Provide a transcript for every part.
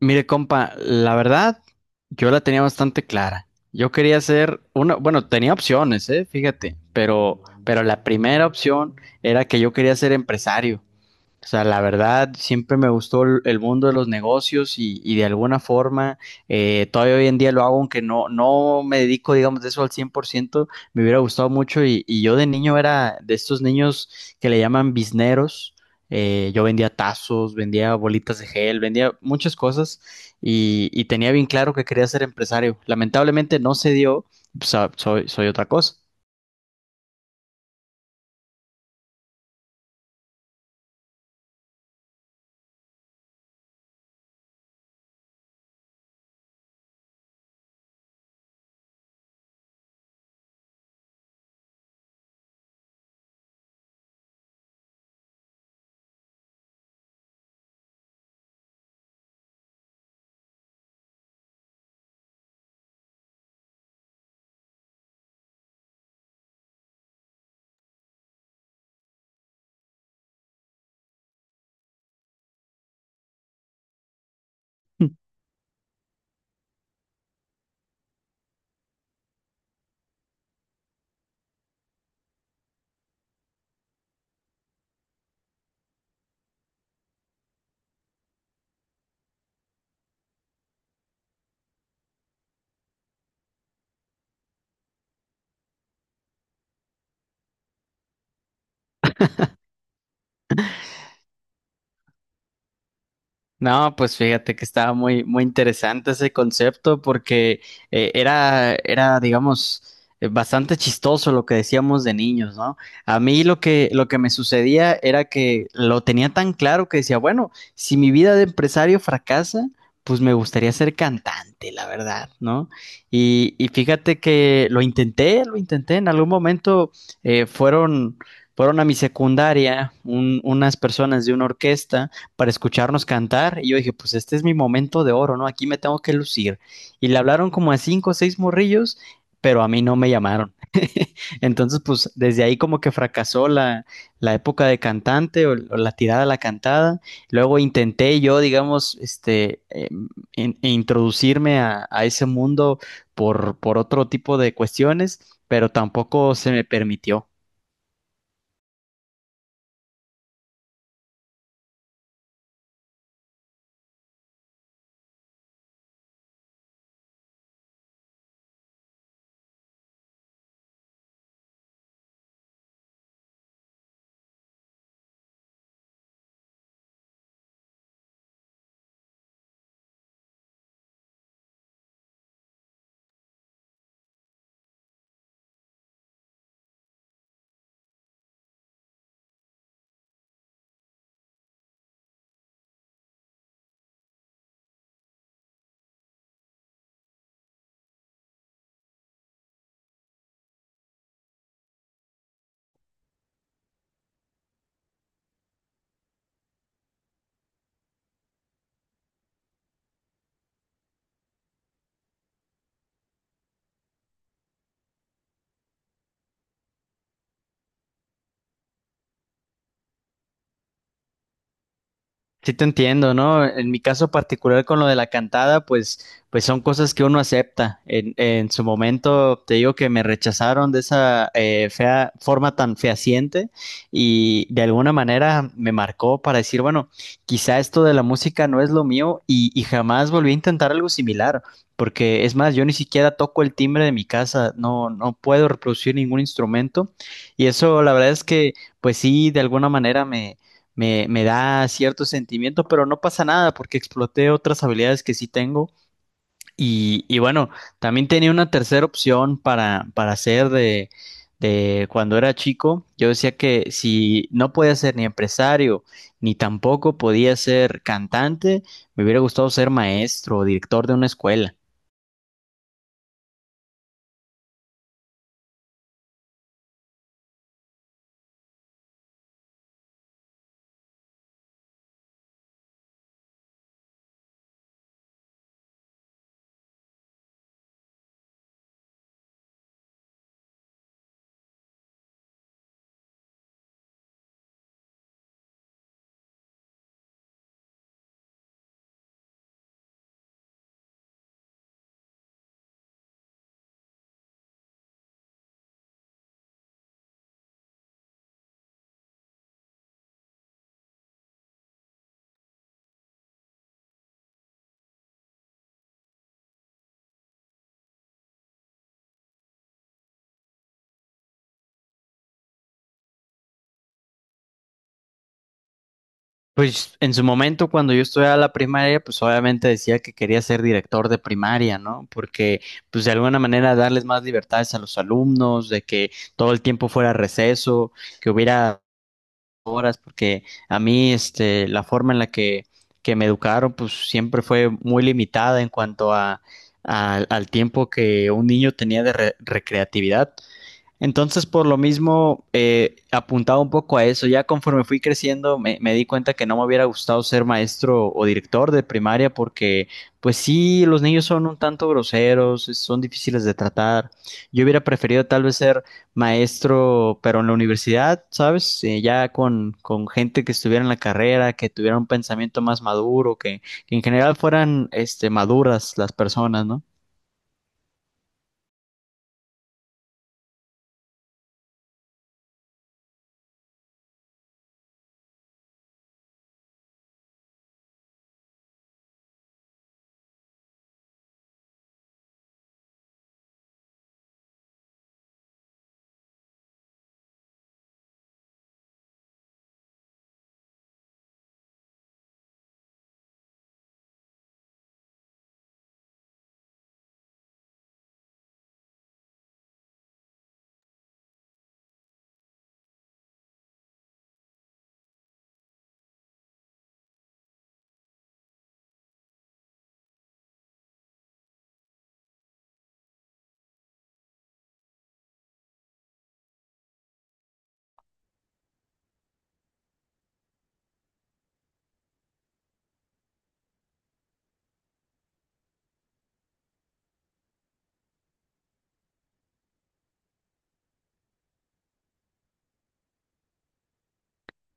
Mire, compa, la verdad, yo la tenía bastante clara. Yo quería hacer una, bueno, tenía opciones, fíjate, pero la primera opción era que yo quería ser empresario. O sea, la verdad, siempre me gustó el mundo de los negocios y de alguna forma, todavía hoy en día lo hago, aunque no, no me dedico, digamos, de eso al 100%. Me hubiera gustado mucho y yo de niño era de estos niños que le llaman bizneros. Yo vendía tazos, vendía bolitas de gel, vendía muchas cosas y tenía bien claro que quería ser empresario. Lamentablemente no se dio, pues, ah, soy, soy otra cosa. No, pues fíjate que estaba muy, muy interesante ese concepto porque era, digamos, bastante chistoso lo que decíamos de niños, ¿no? A mí lo que me sucedía era que lo tenía tan claro que decía, bueno, si mi vida de empresario fracasa, pues me gustaría ser cantante, la verdad, ¿no? Y fíjate que lo intenté, en algún momento eh, fueron, fueron a mi secundaria unas personas de una orquesta para escucharnos cantar. Y yo dije, pues este es mi momento de oro, ¿no? Aquí me tengo que lucir. Y le hablaron como a cinco o seis morrillos, pero a mí no me llamaron. Entonces, pues desde ahí como que fracasó la, la época de cantante o, la tirada a la cantada. Luego intenté yo, digamos, e introducirme a, ese mundo por otro tipo de cuestiones, pero tampoco se me permitió. Sí te entiendo, ¿no? En mi caso particular con lo de la cantada, pues, pues son cosas que uno acepta. En su momento te digo que me rechazaron de esa fea, forma tan fehaciente y de alguna manera me marcó para decir, bueno, quizá esto de la música no es lo mío y jamás volví a intentar algo similar, porque es más, yo ni siquiera toco el timbre de mi casa, no, no puedo reproducir ningún instrumento y eso la verdad es que, pues sí, de alguna manera me da ciertos sentimientos, pero no pasa nada porque exploté otras habilidades que sí tengo. Y bueno, también tenía una tercera opción para hacer de cuando era chico. Yo decía que si no podía ser ni empresario, ni tampoco podía ser cantante, me hubiera gustado ser maestro o director de una escuela. Pues en su momento, cuando yo estudiaba la primaria, pues obviamente decía que quería ser director de primaria, ¿no? Porque, pues de alguna manera darles más libertades a los alumnos, de que todo el tiempo fuera receso, que hubiera horas, porque a mí, este, la forma en que me educaron, pues siempre fue muy limitada en cuanto a, al tiempo que un niño tenía de recreatividad. Entonces, por lo mismo, apuntaba un poco a eso. Ya conforme fui creciendo, me di cuenta que no me hubiera gustado ser maestro o director de primaria porque, pues sí, los niños son un tanto groseros, son difíciles de tratar. Yo hubiera preferido tal vez ser maestro, pero en la universidad, ¿sabes? Ya con gente que estuviera en la carrera, que tuviera un pensamiento más maduro, que en general fueran, este, maduras las personas, ¿no?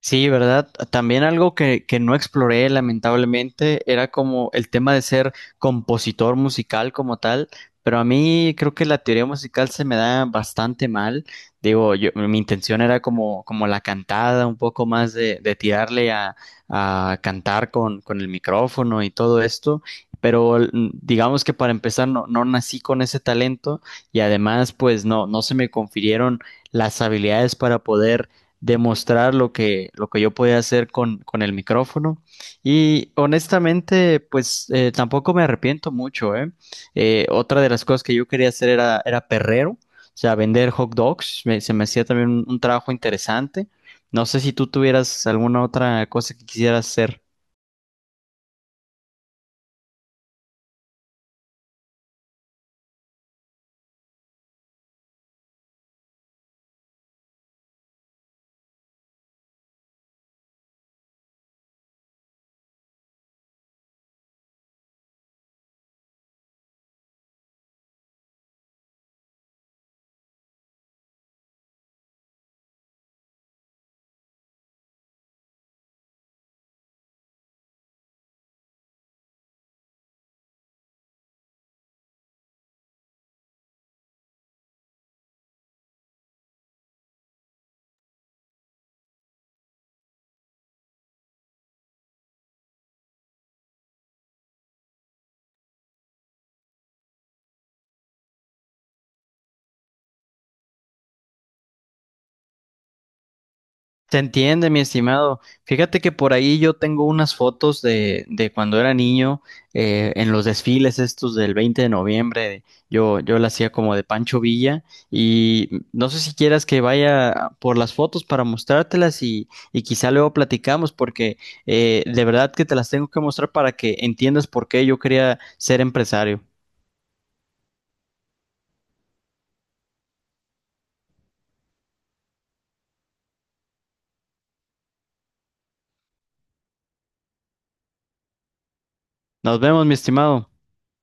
Sí, ¿verdad? También algo que no exploré, lamentablemente, era como el tema de ser compositor musical como tal, pero a mí creo que la teoría musical se me da bastante mal. Digo, yo, mi intención era como, como la cantada, un poco más de tirarle a cantar con el micrófono y todo esto. Pero digamos que para empezar no, no nací con ese talento y además pues no, no se me confirieron las habilidades para poder demostrar lo que yo podía hacer con el micrófono. Y honestamente, pues tampoco me arrepiento mucho, ¿eh? Otra de las cosas que yo quería hacer era, era perrero, o sea, vender hot dogs, se me hacía también un trabajo interesante. No sé si tú tuvieras alguna otra cosa que quisieras hacer. Se entiende, mi estimado. Fíjate que por ahí yo tengo unas fotos de cuando era niño, en los desfiles estos del 20 de noviembre. Yo, yo la hacía como de Pancho Villa y no sé si quieras que vaya por las fotos para mostrártelas y quizá luego platicamos porque de verdad que te las tengo que mostrar para que entiendas por qué yo quería ser empresario. Nos vemos, mi estimado.